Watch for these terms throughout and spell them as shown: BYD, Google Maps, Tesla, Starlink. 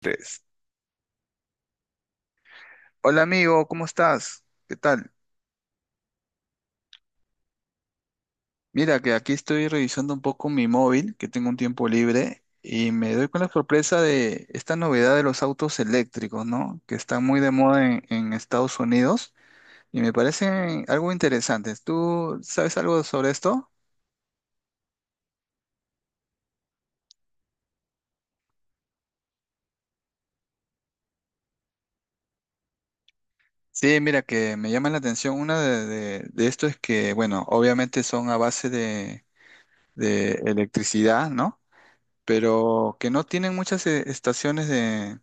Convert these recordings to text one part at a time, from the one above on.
Tres. Hola amigo, ¿cómo estás? ¿Qué tal? Mira que aquí estoy revisando un poco mi móvil, que tengo un tiempo libre, y me doy con la sorpresa de esta novedad de los autos eléctricos, ¿no? Que están muy de moda en Estados Unidos y me parecen algo interesantes. ¿Tú sabes algo sobre esto? Sí, mira que me llama la atención. Una de esto es que, bueno, obviamente son a base de electricidad, ¿no? Pero que no tienen muchas estaciones de,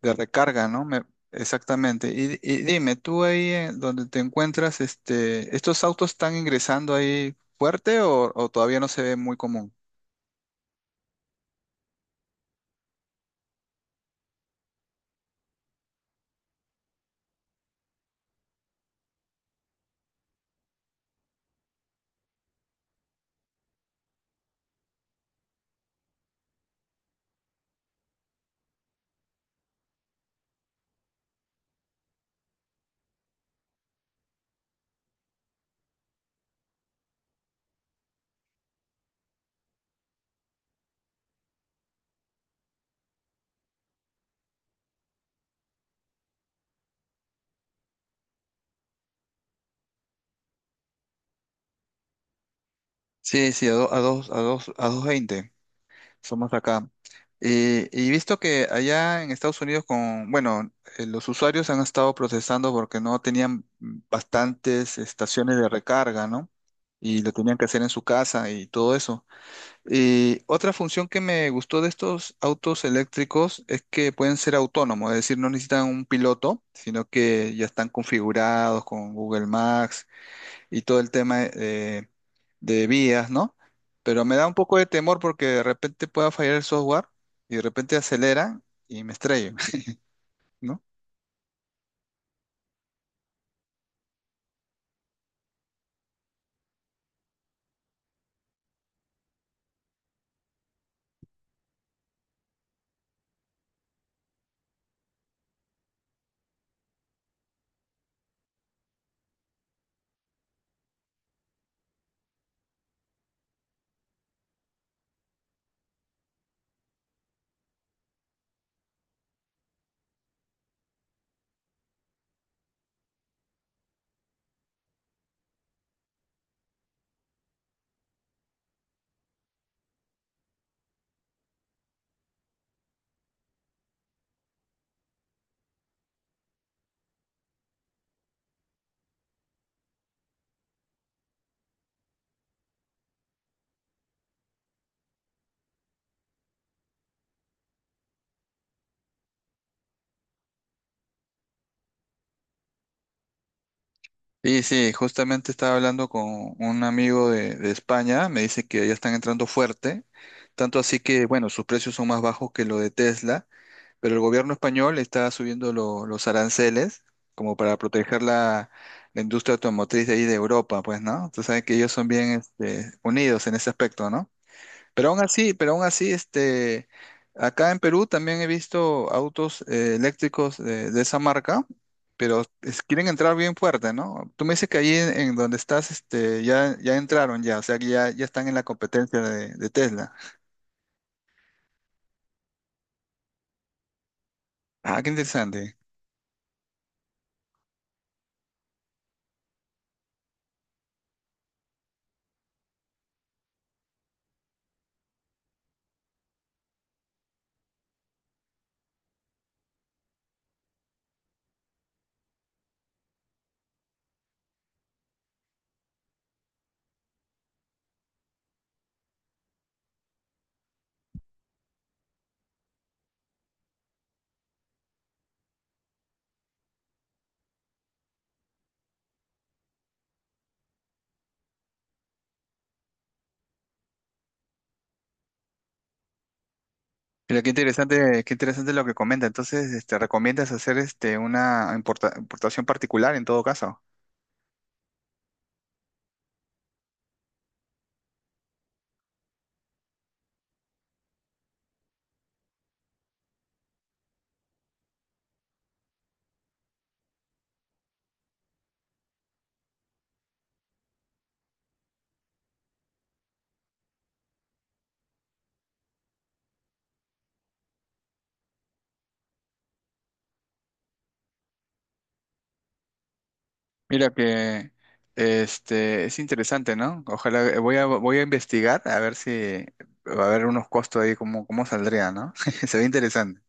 De recarga, ¿no? Exactamente. Y dime, tú ahí en donde te encuentras, este, ¿estos autos están ingresando ahí fuerte o todavía no se ve muy común? Sí, sí, a dos, a dos veinte. Somos acá. Y visto que allá en Estados Unidos con, bueno, los usuarios han estado protestando porque no tenían bastantes estaciones de recarga, ¿no? Y lo tenían que hacer en su casa y todo eso. Y otra función que me gustó de estos autos eléctricos es que pueden ser autónomos, es decir, no necesitan un piloto, sino que ya están configurados con Google Maps y todo el tema de vías, ¿no? Pero me da un poco de temor porque de repente pueda fallar el software y de repente acelera y me estrello, ¿no? Sí, sí, justamente estaba hablando con un amigo de España, me dice que ya están entrando fuerte, tanto así que, bueno, sus precios son más bajos que lo de Tesla, pero el gobierno español está subiendo los aranceles como para proteger la, la industria automotriz de ahí de Europa, pues, ¿no? Tú sabes que ellos son bien este, unidos en ese aspecto, ¿no? Pero aún así, este, acá en Perú también he visto autos eléctricos de esa marca, pero quieren entrar bien fuerte, ¿no? Tú me dices que ahí en donde estás, este, ya, ya entraron ya, o sea que ya, ya están en la competencia de Tesla. Ah, qué interesante. Mira, qué interesante lo que comenta. Entonces, este, recomiendas hacer este una importación particular en todo caso. Mira que este es interesante, ¿no? Ojalá voy a voy a investigar a ver si va a haber unos costos ahí cómo cómo saldría, ¿no? Se ve interesante.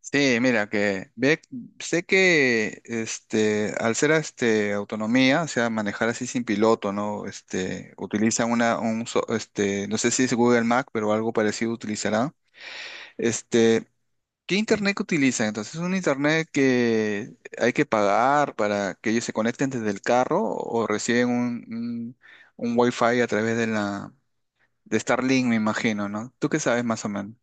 Sí, mira que ve, sé que este al ser este autonomía, o sea, manejar así sin piloto, ¿no? Este utilizan una un este no sé si es Google Mac, pero algo parecido utilizará. Este, ¿qué internet que utilizan? Entonces, ¿es un internet que hay que pagar para que ellos se conecten desde el carro o reciben un Wi-Fi a través de la de Starlink, me imagino, ¿no? ¿Tú qué sabes más o menos?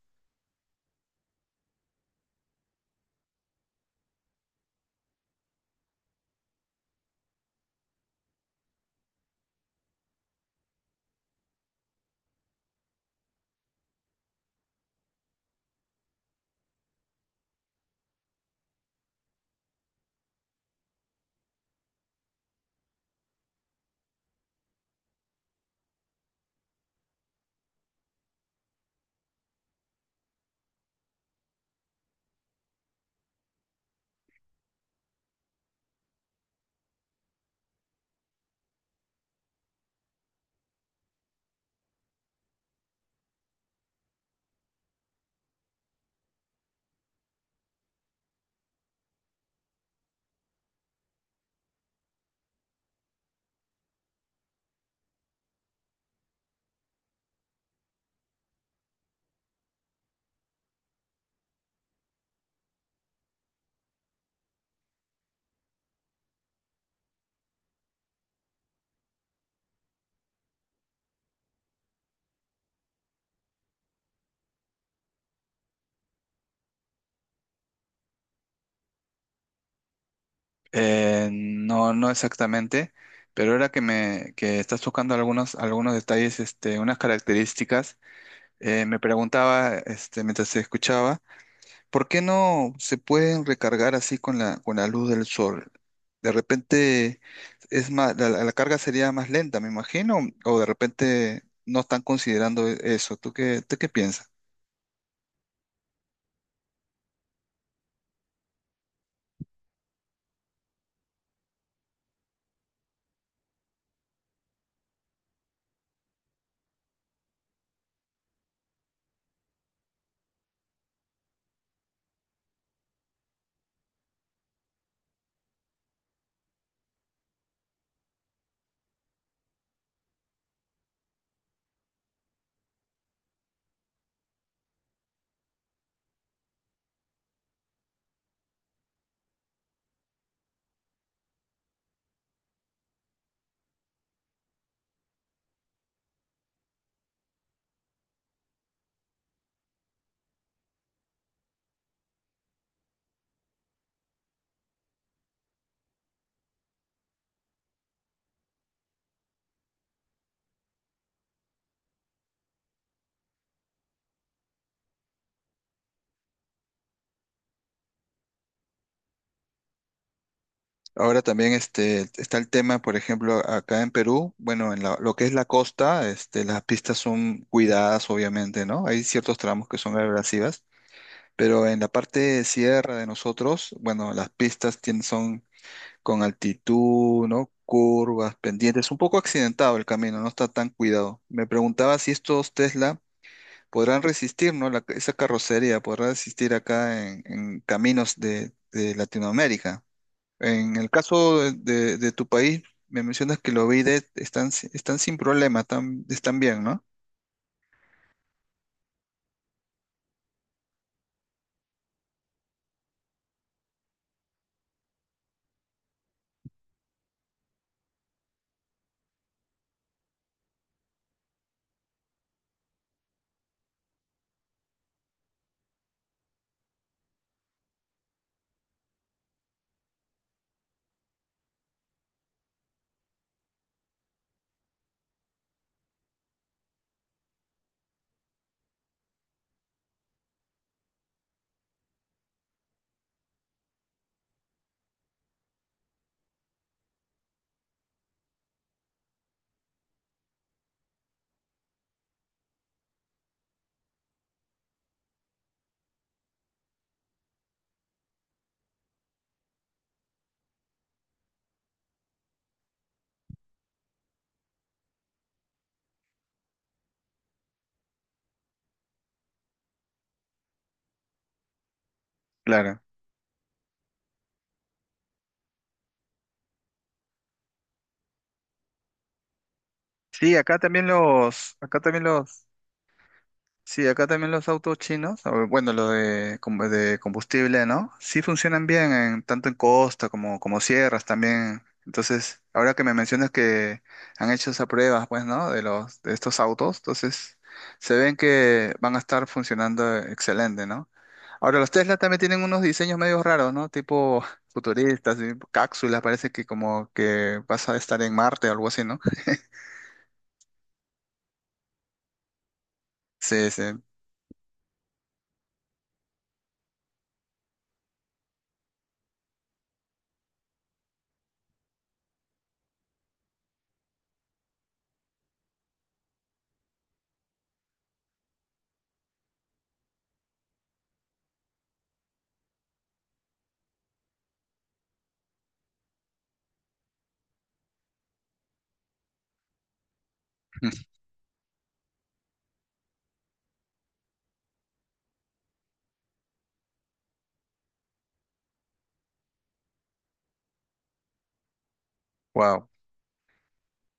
No, no exactamente, pero ahora que me que estás tocando algunos algunos detalles, este, unas características, me preguntaba, este, mientras te escuchaba. ¿Por qué no se pueden recargar así con la luz del sol? De repente es más, la carga sería más lenta, me imagino, o de repente no están considerando eso. Tú qué piensas? Ahora también este, está el tema, por ejemplo, acá en Perú, bueno, en lo que es la costa, este, las pistas son cuidadas, obviamente, ¿no? Hay ciertos tramos que son abrasivas, pero en la parte de sierra de nosotros, bueno, las pistas tienen, con altitud, ¿no? Curvas, pendientes, un poco accidentado el camino, no está tan cuidado. Me preguntaba si estos Tesla podrán resistir, ¿no? Esa carrocería podrá resistir acá en caminos de Latinoamérica. En el caso de, de tu país, me mencionas que los BYD están, están sin problema, están, están bien, ¿no? Claro. Sí, acá también los, acá también los Sí, acá también los autos chinos, o bueno, los de, de combustible, ¿no? Sí funcionan bien, en, tanto en costa como, como sierras también. Entonces, ahora que me mencionas que han hecho esas pruebas, pues, ¿no? De los, de estos autos, entonces se ven que van a estar funcionando excelente, ¿no? Ahora, los Tesla también tienen unos diseños medio raros, ¿no? Tipo futuristas, y cápsulas, parece que como que vas a estar en Marte o algo así, ¿no? Sí, sí. Wow.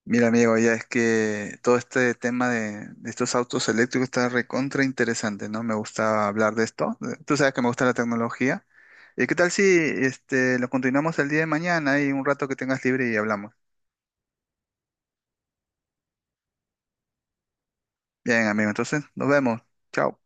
Mira, amigo, ya es que todo este tema de estos autos eléctricos está recontra interesante, ¿no? Me gusta hablar de esto. Tú sabes que me gusta la tecnología. ¿Y qué tal si este, lo continuamos el día de mañana y un rato que tengas libre y hablamos? Bien, amigo, entonces nos vemos. Chao.